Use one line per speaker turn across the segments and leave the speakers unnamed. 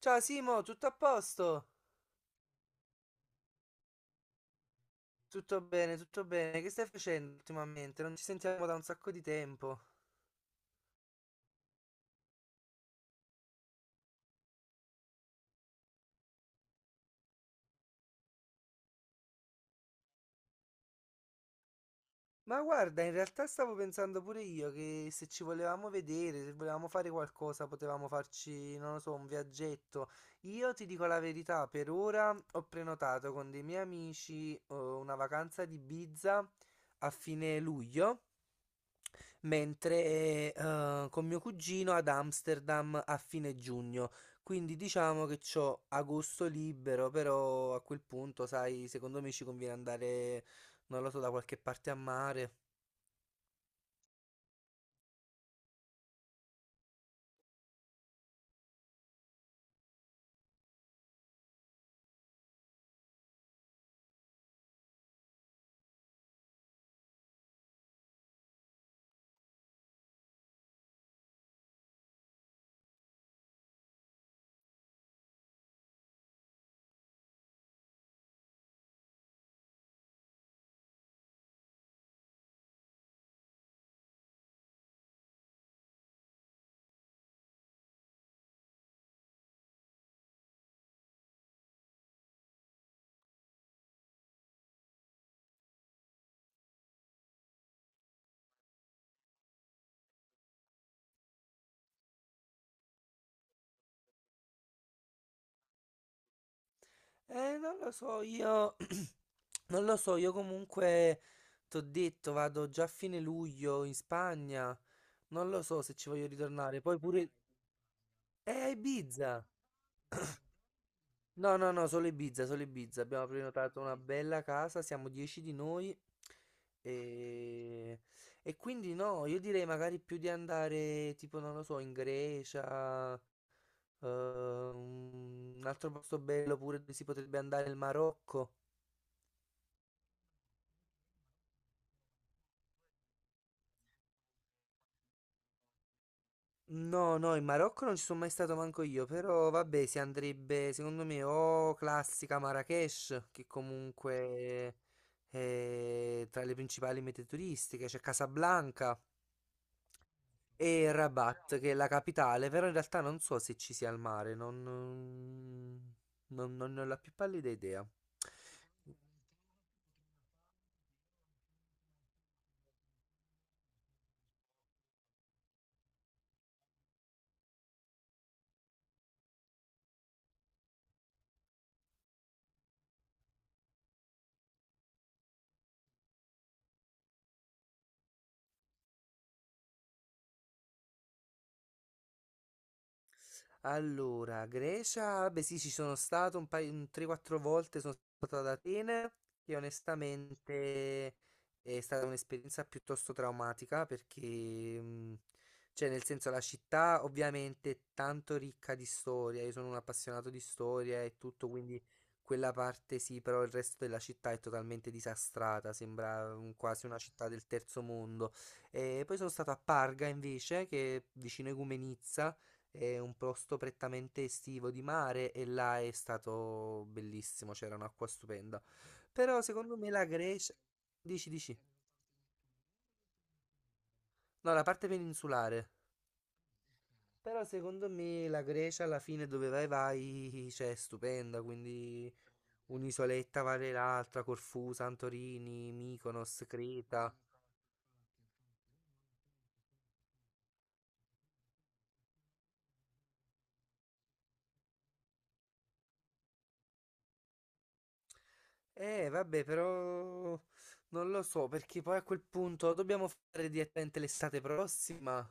Ciao Simo, tutto a posto? Tutto bene, tutto bene. Che stai facendo ultimamente? Non ci sentiamo da un sacco di tempo. Ma guarda, in realtà stavo pensando pure io che se ci volevamo vedere, se volevamo fare qualcosa, potevamo farci, non lo so, un viaggetto. Io ti dico la verità, per ora ho prenotato con dei miei amici una vacanza di Ibiza a fine luglio. Mentre con mio cugino ad Amsterdam a fine giugno. Quindi diciamo che c'ho agosto libero, però a quel punto, sai, secondo me ci conviene andare, non lo so, da qualche parte a mare. Non lo so, io non lo so, io comunque t'ho detto, vado già a fine luglio in Spagna. Non lo so se ci voglio ritornare. Poi pure. A Ibiza! No, no, no, solo Ibiza, solo Ibiza. Abbiamo prenotato una bella casa, siamo 10 di noi. E... e quindi no, io direi magari più di andare tipo, non lo so, in Grecia, un altro posto bello pure dove si potrebbe andare il Marocco. No, no, in Marocco non ci sono mai stato manco io, però vabbè, si andrebbe secondo me o classica Marrakech, che comunque è tra le principali mete turistiche, c'è Casablanca. E Rabat, che è la capitale, però in realtà non so se ci sia il mare, non ne ho la più pallida idea. Allora, Grecia, beh sì, ci sono stato un paio, un 3-4 volte, sono stato ad Atene, che onestamente è stata un'esperienza piuttosto traumatica perché, cioè nel senso la città ovviamente è tanto ricca di storia, io sono un appassionato di storia e tutto, quindi quella parte sì, però il resto della città è totalmente disastrata, sembra quasi una città del terzo mondo. E poi sono stato a Parga invece, che è vicino a Igoumenitsa. È un posto prettamente estivo di mare e là è stato bellissimo, c'era un'acqua stupenda. Però secondo me la Grecia. Dici, dici. No, la parte peninsulare. Però secondo me la Grecia alla fine dove vai vai, cioè è stupenda, quindi un'isoletta vale l'altra, Corfù, Santorini, Mykonos, Creta. Vabbè, però non lo so, perché poi a quel punto dobbiamo fare direttamente l'estate prossima.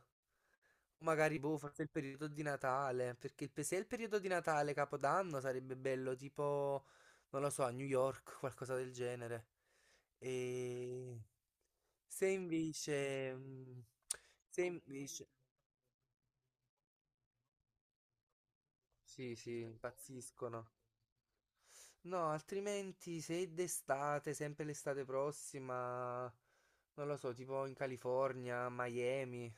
O magari, boh, forse il periodo di Natale, perché se è il periodo di Natale, Capodanno, sarebbe bello, tipo, non lo so, a New York, qualcosa del genere. E se invece, se invece, sì, sì, impazziscono. No, altrimenti se è d'estate, sempre l'estate prossima, non lo so, tipo in California, Miami.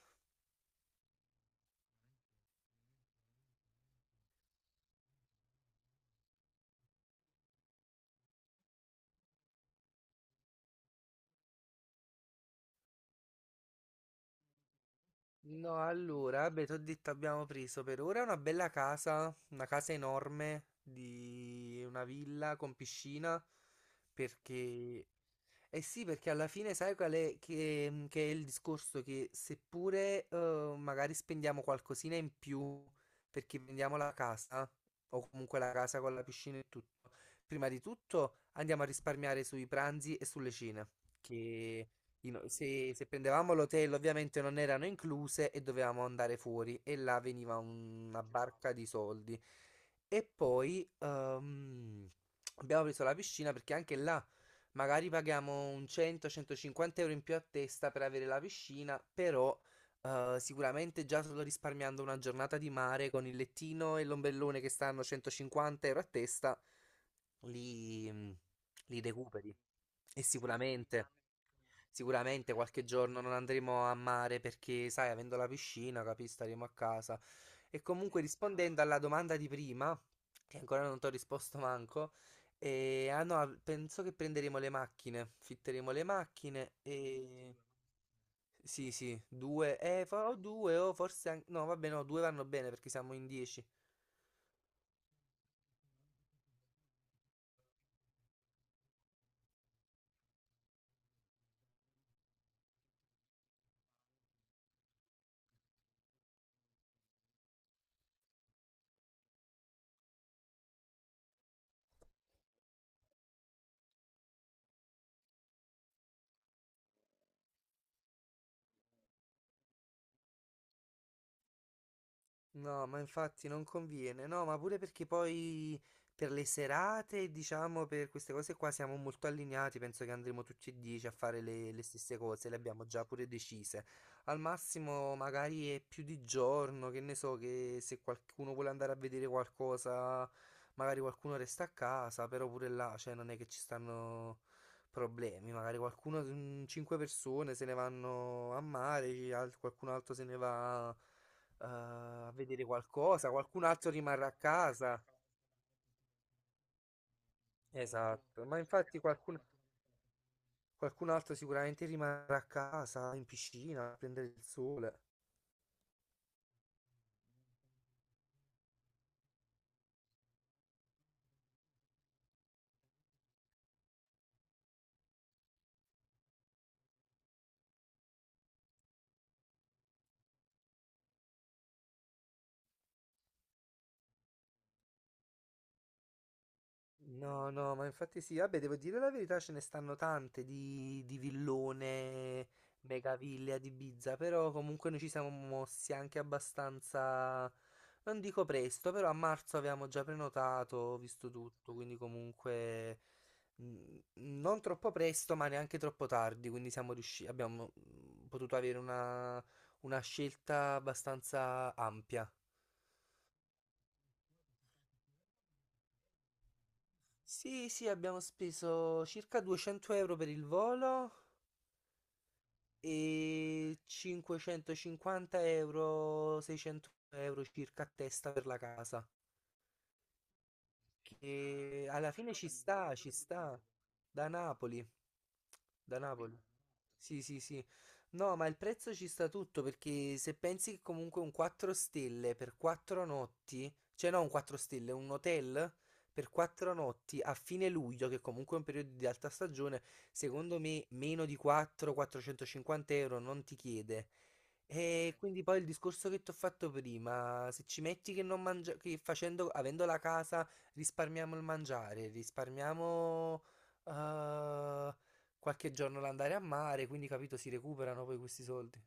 No, allora, beh, t'ho detto abbiamo preso per ora una bella casa, una casa enorme di una villa con piscina, perché eh sì, perché alla fine sai qual è, che è il discorso che seppure magari spendiamo qualcosina in più perché prendiamo la casa, o comunque la casa con la piscina e tutto, prima di tutto andiamo a risparmiare sui pranzi e sulle cene, che se prendevamo l'hotel ovviamente non erano incluse e dovevamo andare fuori e là veniva una barca di soldi. E poi abbiamo preso la piscina perché anche là. Magari paghiamo un 100-150 euro in più a testa per avere la piscina, però sicuramente già solo risparmiando una giornata di mare con il lettino e l'ombellone che stanno 150 euro a testa, li, li recuperi. E sicuramente. Sicuramente qualche giorno non andremo a mare perché, sai, avendo la piscina, capi, staremo a casa. E comunque rispondendo alla domanda di prima, che ancora non ti ho risposto manco, ah no, penso che prenderemo le macchine, fitteremo le macchine. Sì, sì, due, o due o forse anche. No, vabbè, no, due vanno bene perché siamo in 10. No, ma infatti non conviene, no, ma pure perché poi per le serate, diciamo, per queste cose qua siamo molto allineati, penso che andremo tutti e 10 a fare le stesse cose, le abbiamo già pure decise. Al massimo magari è più di giorno, che ne so, che se qualcuno vuole andare a vedere qualcosa, magari qualcuno resta a casa, però pure là, cioè non è che ci stanno problemi, magari qualcuno, cinque persone se ne vanno a mare, qualcun altro se ne va a vedere qualcosa, qualcun altro rimarrà a casa. Esatto, ma infatti qualcun altro sicuramente rimarrà a casa in piscina a prendere il sole. No, no, ma infatti sì, vabbè, devo dire la verità, ce ne stanno tante di villone, megaville ad Ibiza, però comunque noi ci siamo mossi anche abbastanza, non dico presto, però a marzo avevamo già prenotato, visto tutto, quindi comunque non troppo presto, ma neanche troppo tardi, quindi siamo riusciti, abbiamo potuto avere una scelta abbastanza ampia. Sì, sì, abbiamo speso circa 200 euro per il volo, e 550 euro, 600 euro circa a testa per la casa. E alla fine ci sta, ci sta. Da Napoli. Da Napoli. Sì, sì, sì. No, ma il prezzo ci sta tutto perché se pensi che comunque un 4 stelle per 4 notti, cioè no, un 4 stelle, un hotel per 4 notti a fine luglio, che comunque è un periodo di alta stagione, secondo me meno di 4-450 euro non ti chiede. E quindi poi il discorso che ti ho fatto prima, se ci metti che non mangia, che facendo, avendo la casa. Risparmiamo il mangiare, risparmiamo eh, qualche giorno l'andare a mare, quindi capito, si recuperano poi questi soldi.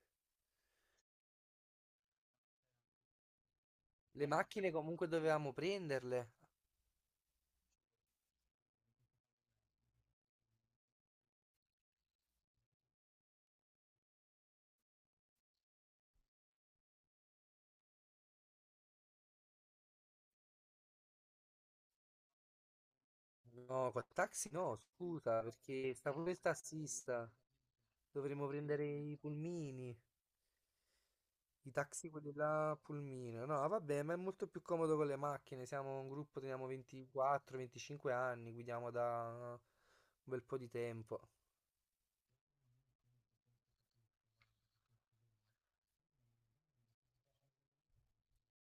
Le macchine comunque dovevamo prenderle. No, con taxi no, scusa, perché sta pure il tassista. Dovremmo prendere i pulmini, i taxi quelli là a pulmino. No, vabbè, ma è molto più comodo con le macchine. Siamo un gruppo, teniamo 24-25 anni, guidiamo da un bel po' di tempo.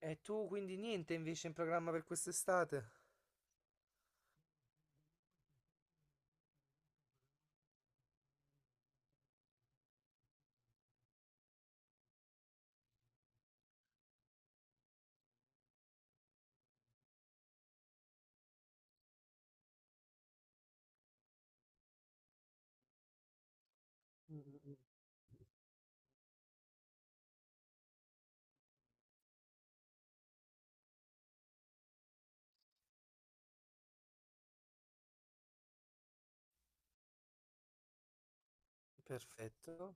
E tu quindi niente invece in programma per quest'estate? Mm, mm, mm. Perfetto,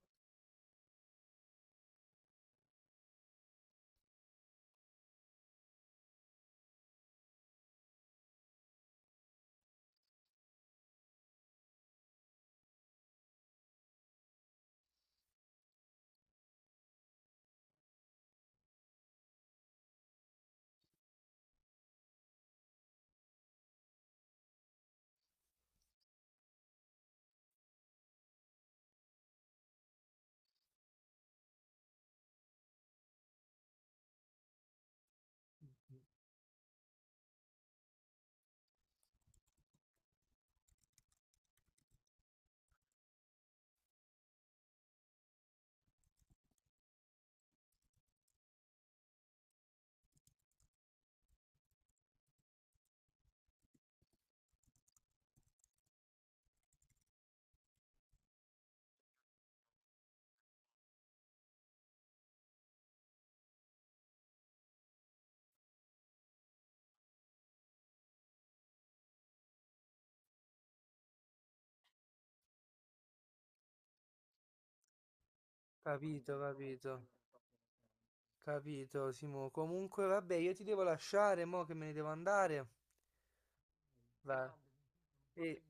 capito, capito, capito, Simo. Comunque, vabbè, io ti devo lasciare, mo che me ne devo andare. Va. E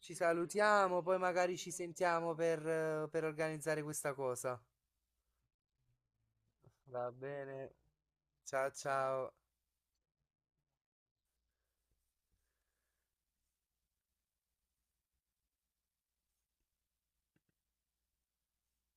ci salutiamo, poi magari ci sentiamo per organizzare questa cosa. Va bene, ciao ciao.